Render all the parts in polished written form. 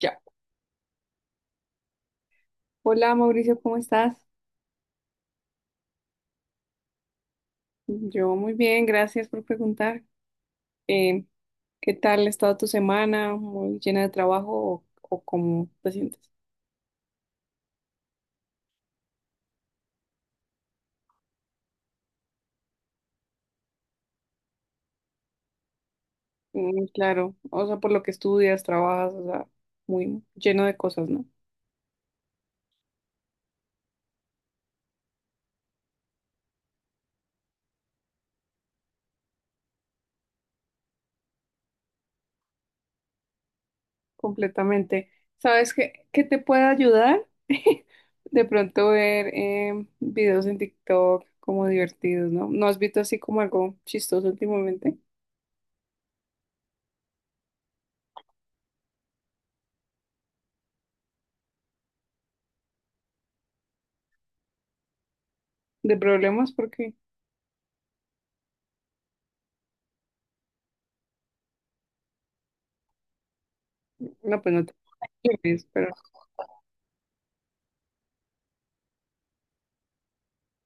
Ya. Hola Mauricio, ¿cómo estás? Yo muy bien, gracias por preguntar. Eh, ¿Qué tal ha estado tu semana? ¿Muy llena de trabajo o cómo te sientes? Mm, claro, o sea, por lo que estudias, trabajas, o sea, muy lleno de cosas, ¿no? Completamente. ¿Sabes qué te puede ayudar? De pronto ver videos en TikTok como divertidos, ¿no? ¿No has visto así como algo chistoso últimamente de problemas? Porque, no, pues no te... preocupes.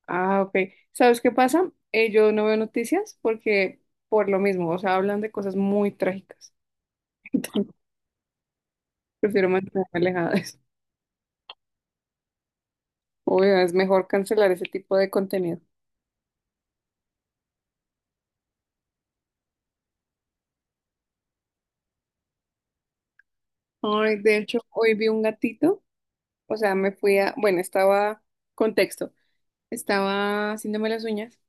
Ah, ok. ¿Sabes qué pasa? Yo no veo noticias porque por lo mismo, o sea, hablan de cosas muy trágicas. Entonces, prefiero mantenerme alejada de eso. Obvio, es mejor cancelar ese tipo de contenido. Ay, de hecho, hoy vi un gatito, o sea, me fui a, bueno, estaba, contexto, estaba haciéndome las uñas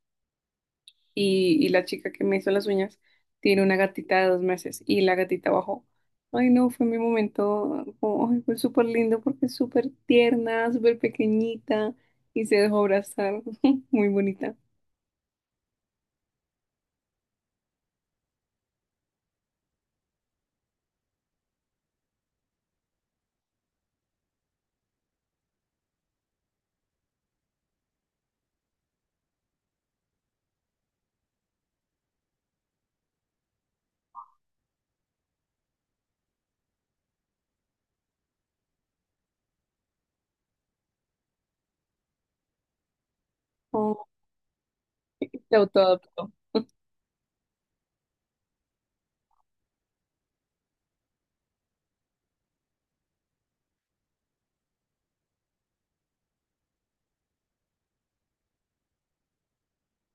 y la chica que me hizo las uñas tiene una gatita de 2 meses y la gatita bajó. Ay, no, fue mi momento, como, ay, fue súper lindo porque es súper tierna, súper pequeñita y se dejó abrazar, muy bonita. Oh, se autoadoptó.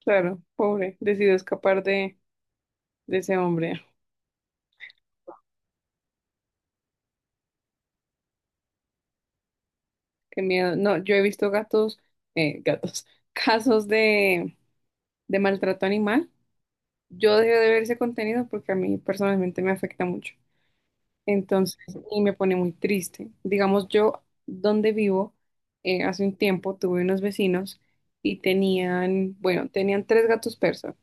Claro, pobre, decidió escapar de ese hombre. Qué miedo. No, yo he visto gatos, gatos, casos de maltrato animal. Yo dejé de ver ese contenido porque a mí personalmente me afecta mucho. Entonces, y me pone muy triste. Digamos, yo donde vivo, hace un tiempo tuve unos vecinos y tenían, bueno, tenían 3 gatos persas,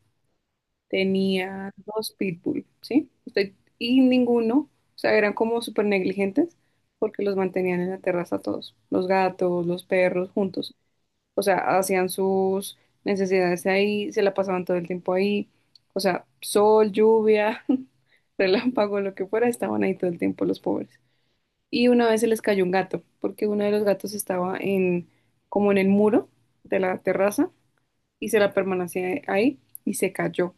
tenían 2 pitbull, ¿sí? Usted- y ninguno, o sea, eran como súper negligentes porque los mantenían en la terraza todos, los gatos, los perros, juntos. O sea, hacían sus necesidades ahí, se la pasaban todo el tiempo ahí. O sea, sol, lluvia, relámpago, lo que fuera, estaban ahí todo el tiempo los pobres y una vez se les cayó un gato, porque uno de los gatos estaba en, como en el muro de la terraza y se la permanecía ahí y se cayó.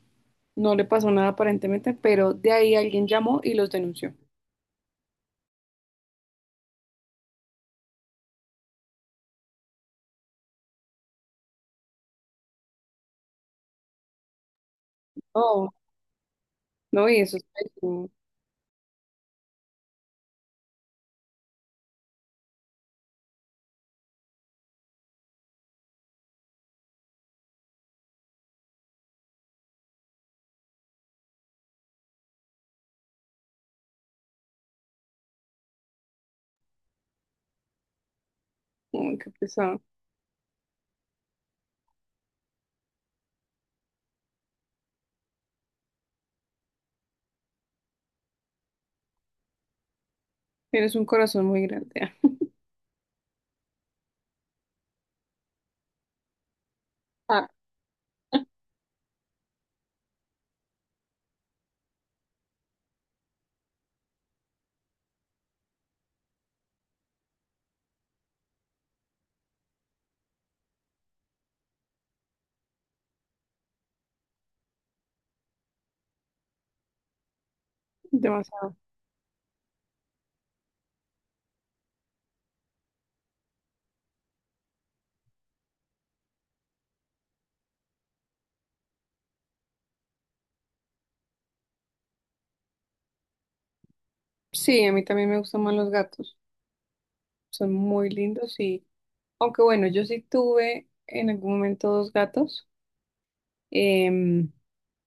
No le pasó nada aparentemente, pero de ahí alguien llamó y los denunció. Oh, no, y eso es pésimo. Uy, qué pesado. Tienes un corazón muy grande. Ah, demasiado. Sí, a mí también me gustan más los gatos. Son muy lindos y, aunque bueno, yo sí tuve en algún momento 2 gatos. Em,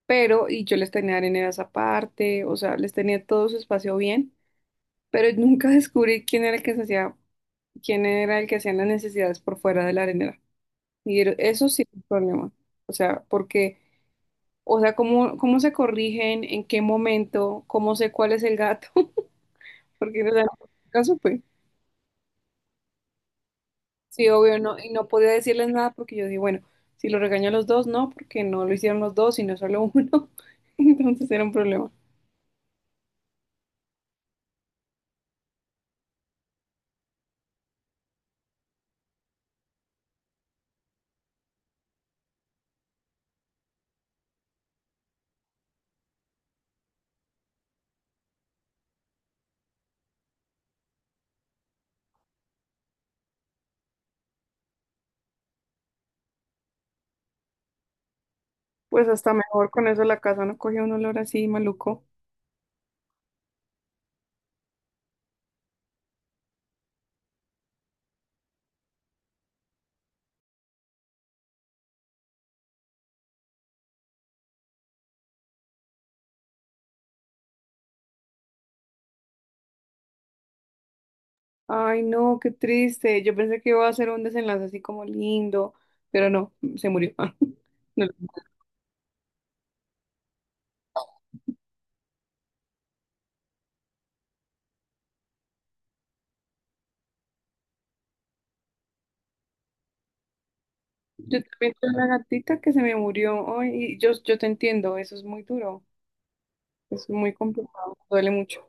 pero y yo les tenía areneras aparte, o sea, les tenía todo su espacio bien, pero nunca descubrí quién era el que se hacía, quién era el que hacía las necesidades por fuera de la arenera. Y era- eso sí es un problema. O sea, porque, o sea, cómo se corrigen, en qué momento, cómo sé cuál es el gato, porque o sea, nunca supe. Sí, obvio, no, y no podía decirles nada porque yo dije, bueno, si lo regaño a los 2, no, porque no lo hicieron los 2, sino solo uno. Entonces era un problema. Pues hasta mejor con eso la casa no cogía un olor así maluco. Ay, no, qué triste. Yo pensé que iba a ser un desenlace así como lindo, pero no, se murió. No, yo también tuve una gatita que se me murió. Ay, y yo te entiendo, eso es muy duro, eso es muy complicado, duele mucho.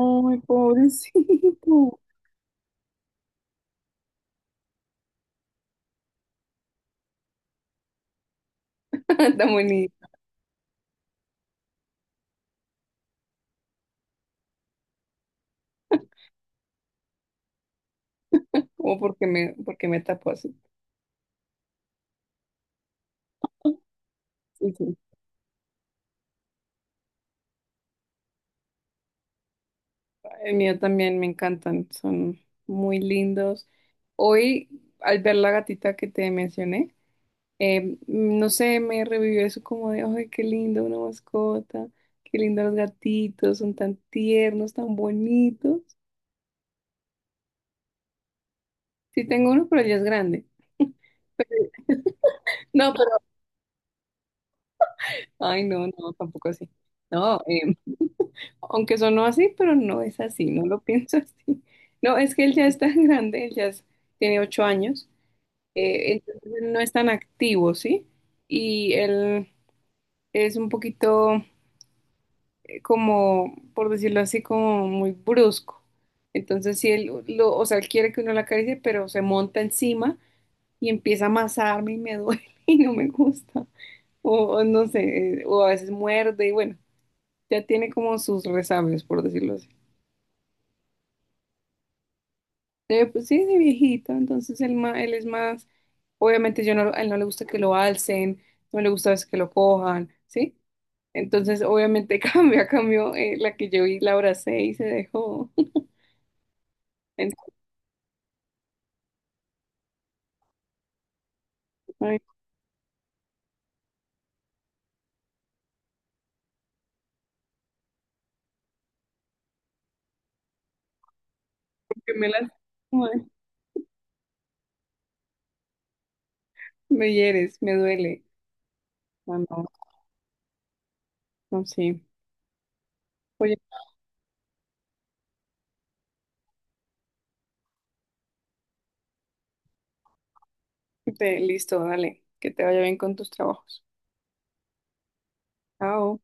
Ay, pobrecito. Tan bonito. Como porque me tapó así. Sí, sí. El mío también me encantan, son muy lindos. Hoy, al ver la gatita que te mencioné, no sé, me revivió eso como de, ay, qué lindo una mascota, qué lindo los gatitos, son tan tiernos, tan bonitos. Sí tengo uno, pero ya es grande. No, pero, ay, no, tampoco así. No, aunque sonó así, pero no es así, no lo pienso así. No, es que él ya es tan grande, él ya es- tiene 8 años, entonces él no es tan activo, ¿sí? Y él es un poquito... como, por decirlo así, como muy brusco. Entonces, si él lo, o sea, él quiere que uno la acaricie, pero se monta encima y empieza a amasarme y me duele y no me gusta. O no sé, o a veces muerde y bueno, ya tiene como sus resabios, por decirlo así. Pues sí, de viejito, entonces él, ma- él es más, obviamente yo no, a él no le gusta que lo alcen, no le gusta a veces que lo cojan, ¿sí? Entonces, obviamente cambia, cambió la que yo vi, la abracé y se dejó. Que me lastimas, me hieres, me duele. No, no, no, sí. Oye, te- listo, dale, que te vaya bien con tus trabajos. Chao.